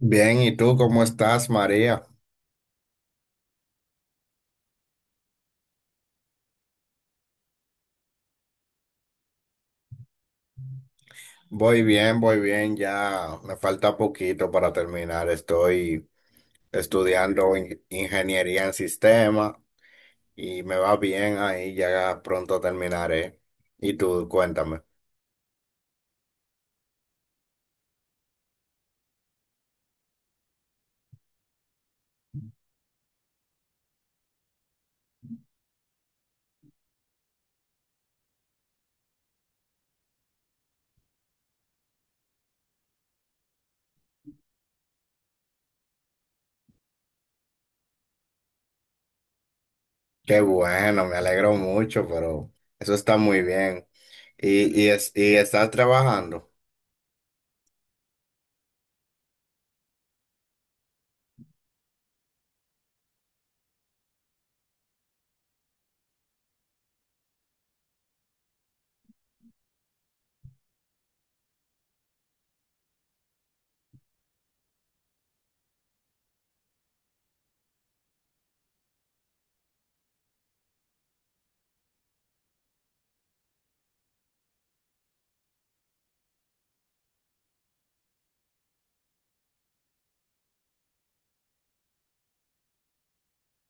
Bien, ¿y tú cómo estás, María? Voy bien, ya me falta poquito para terminar. Estoy estudiando ingeniería en sistemas y me va bien ahí, ya pronto terminaré. Y tú, cuéntame. Qué bueno, me alegro mucho, pero eso está muy bien. Y estás trabajando?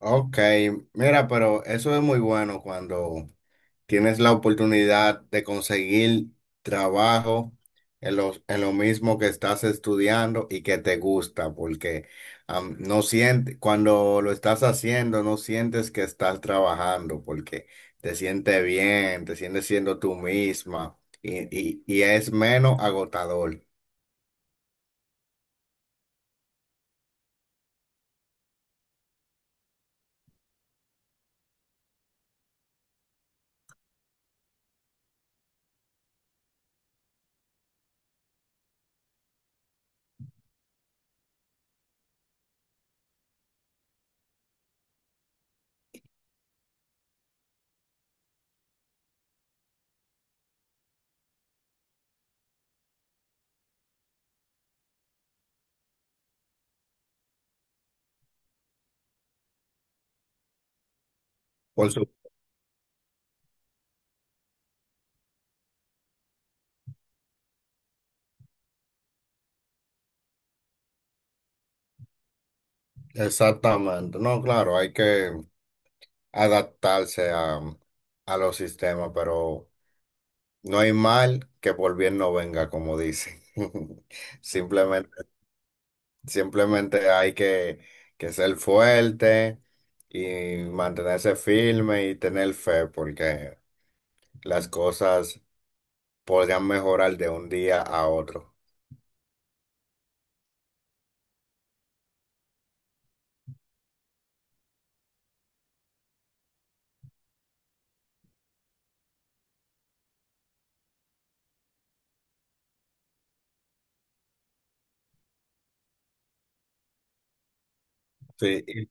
Ok, mira, pero eso es muy bueno cuando tienes la oportunidad de conseguir trabajo en en lo mismo que estás estudiando y que te gusta, porque no sientes, cuando lo estás haciendo, no sientes que estás trabajando, porque te sientes bien, te sientes siendo tú misma y es menos agotador. Por su- Exactamente. No, claro, hay que adaptarse a, a los sistemas, pero no hay mal que por bien no venga, como dicen. Simplemente, simplemente que ser fuerte y mantenerse firme y tener fe, porque las cosas podrían mejorar de un día a otro. Sí, y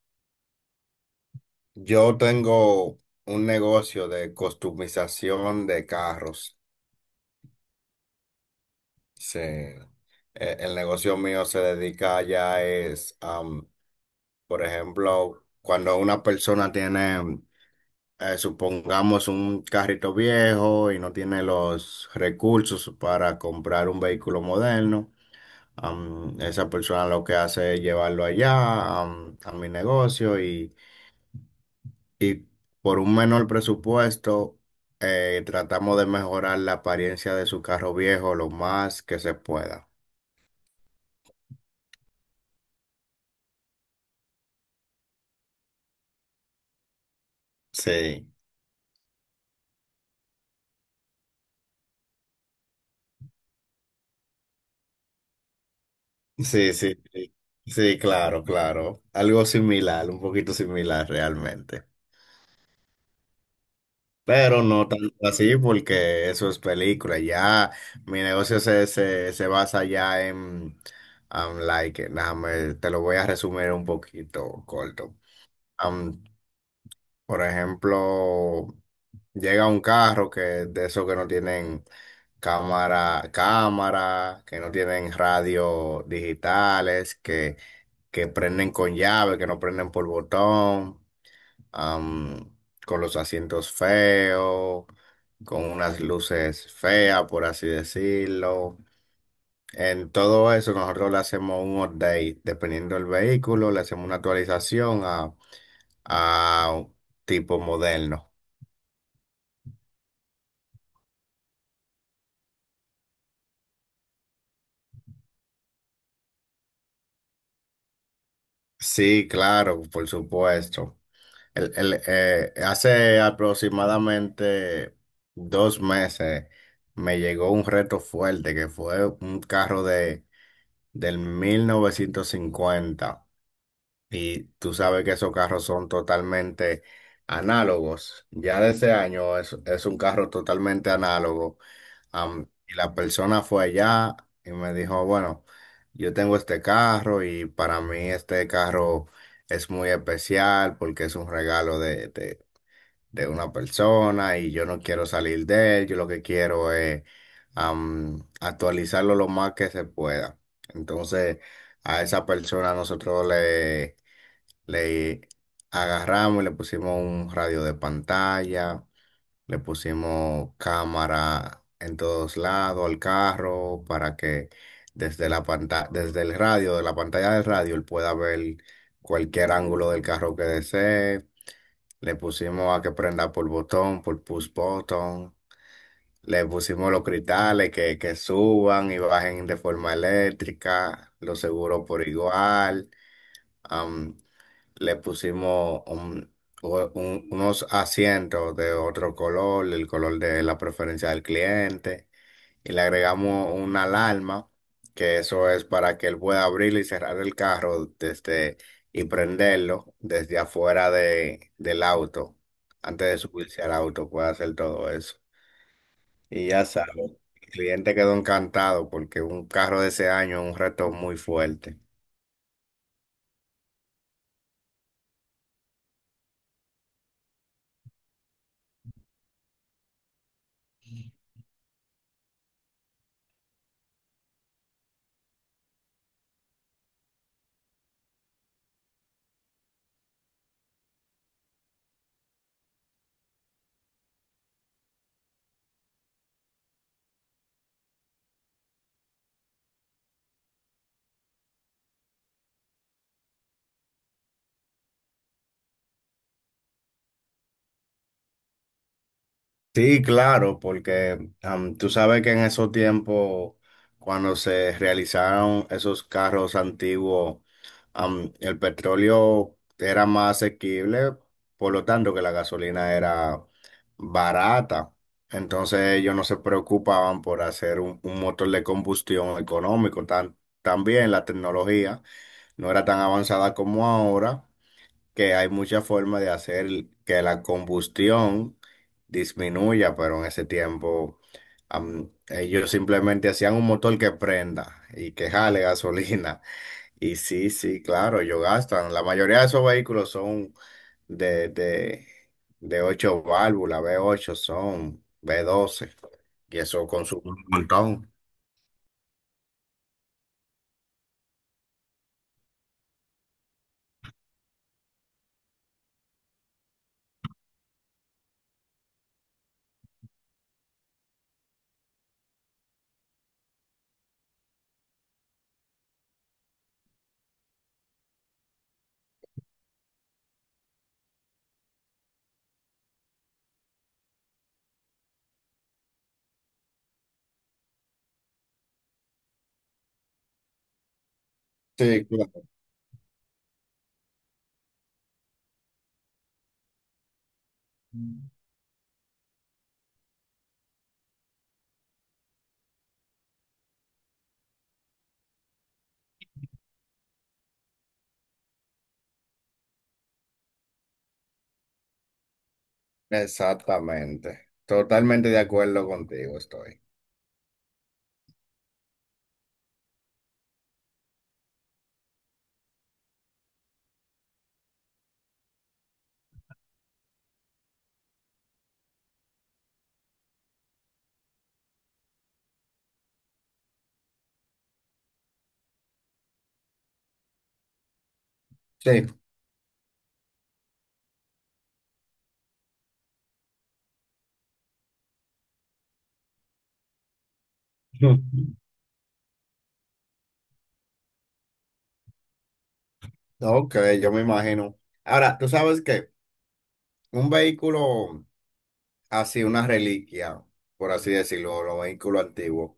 yo tengo un negocio de customización de carros. Sí. El negocio mío se dedica ya es, por ejemplo, cuando una persona tiene supongamos un carrito viejo y no tiene los recursos para comprar un vehículo moderno. Esa persona lo que hace es llevarlo allá, a mi negocio y por un menor presupuesto tratamos de mejorar la apariencia de su carro viejo lo más que se pueda. Sí, sí, sí, sí, sí, claro, claro. Algo similar, un poquito similar realmente. Pero no tanto así porque eso es película. Ya mi negocio se basa ya en, like, déjame, te lo voy a resumir un poquito corto. Um, por ejemplo, llega un carro que de esos que no tienen cámara, que no tienen radio digitales, que prenden con llave, que no prenden por botón, am, con los asientos feos, con unas luces feas, por así decirlo. En todo eso nosotros le hacemos un update, dependiendo del vehículo, le hacemos una actualización a un tipo moderno. Sí, claro, por supuesto. Hace aproximadamente 2 meses me llegó un reto fuerte que fue un carro de del 1950, y tú sabes que esos carros son totalmente análogos. Ya de ese año es un carro totalmente análogo. Y la persona fue allá y me dijo, bueno, yo tengo este carro y para mí este carro es muy especial porque es un regalo de, de una persona y yo no quiero salir de él, yo lo que quiero es, actualizarlo lo más que se pueda. Entonces, a esa persona nosotros le agarramos y le pusimos un radio de pantalla, le pusimos cámara en todos lados al carro para que desde la pantalla, de la pantalla del radio, él pueda ver cualquier ángulo del carro que desee. Le pusimos a que prenda por botón, por push button. Le pusimos los cristales que suban y bajen de forma eléctrica, los seguros por igual. Am, Le pusimos unos asientos de otro color, el color de la preferencia del cliente, y le agregamos una alarma, que eso es para que él pueda abrir y cerrar el carro desde y prenderlo desde afuera del auto, antes de subirse al auto, puede hacer todo eso. Y ya sabes, el cliente quedó encantado porque un carro de ese año es un reto muy fuerte. Sí, claro, porque, tú sabes que en esos tiempos, cuando se realizaron esos carros antiguos, el petróleo era más asequible, por lo tanto que la gasolina era barata. Entonces ellos no se preocupaban por hacer un motor de combustión económico. También la tecnología no era tan avanzada como ahora, que hay muchas formas de hacer que la combustión disminuya, pero en ese tiempo, ellos simplemente hacían un motor que prenda y que jale gasolina. Y sí, sí, claro, ellos gastan. La mayoría de esos vehículos son de, de, de ocho válvulas, V8 son, V12, y eso consume un montón. Sí, claro, exactamente. Totalmente de acuerdo contigo estoy. Sí. Ok, yo me imagino. Ahora, tú sabes que un vehículo así, una reliquia, por así decirlo, los vehículos antiguos,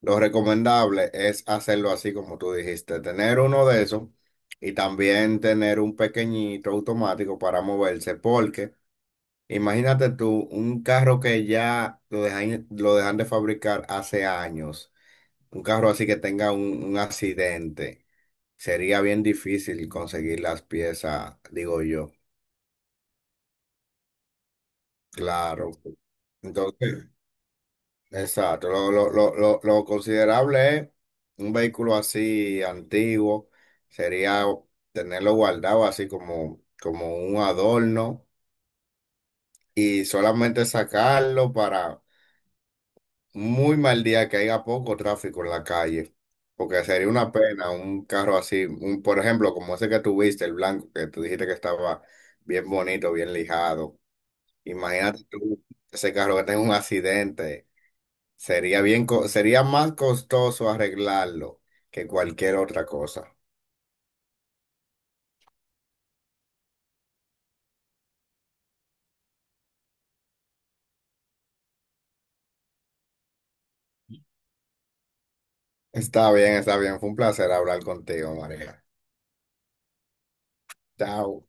lo recomendable es hacerlo así como tú dijiste, tener uno de esos y también tener un pequeñito automático para moverse, porque imagínate tú, un carro que ya lo dejan de fabricar hace años, un carro así que tenga un accidente, sería bien difícil conseguir las piezas, digo yo. Claro. Entonces, exacto. Lo considerable es un vehículo así antiguo, sería tenerlo guardado así como como un adorno y solamente sacarlo para muy mal día que haya poco tráfico en la calle. Porque sería una pena un carro así, un, por ejemplo, como ese que tuviste, el blanco, que tú dijiste que estaba bien bonito, bien lijado. Imagínate tú, ese carro que tenga un accidente. Sería bien, sería más costoso arreglarlo que cualquier otra cosa. Está bien, está bien. Fue un placer hablar contigo, María. Chao.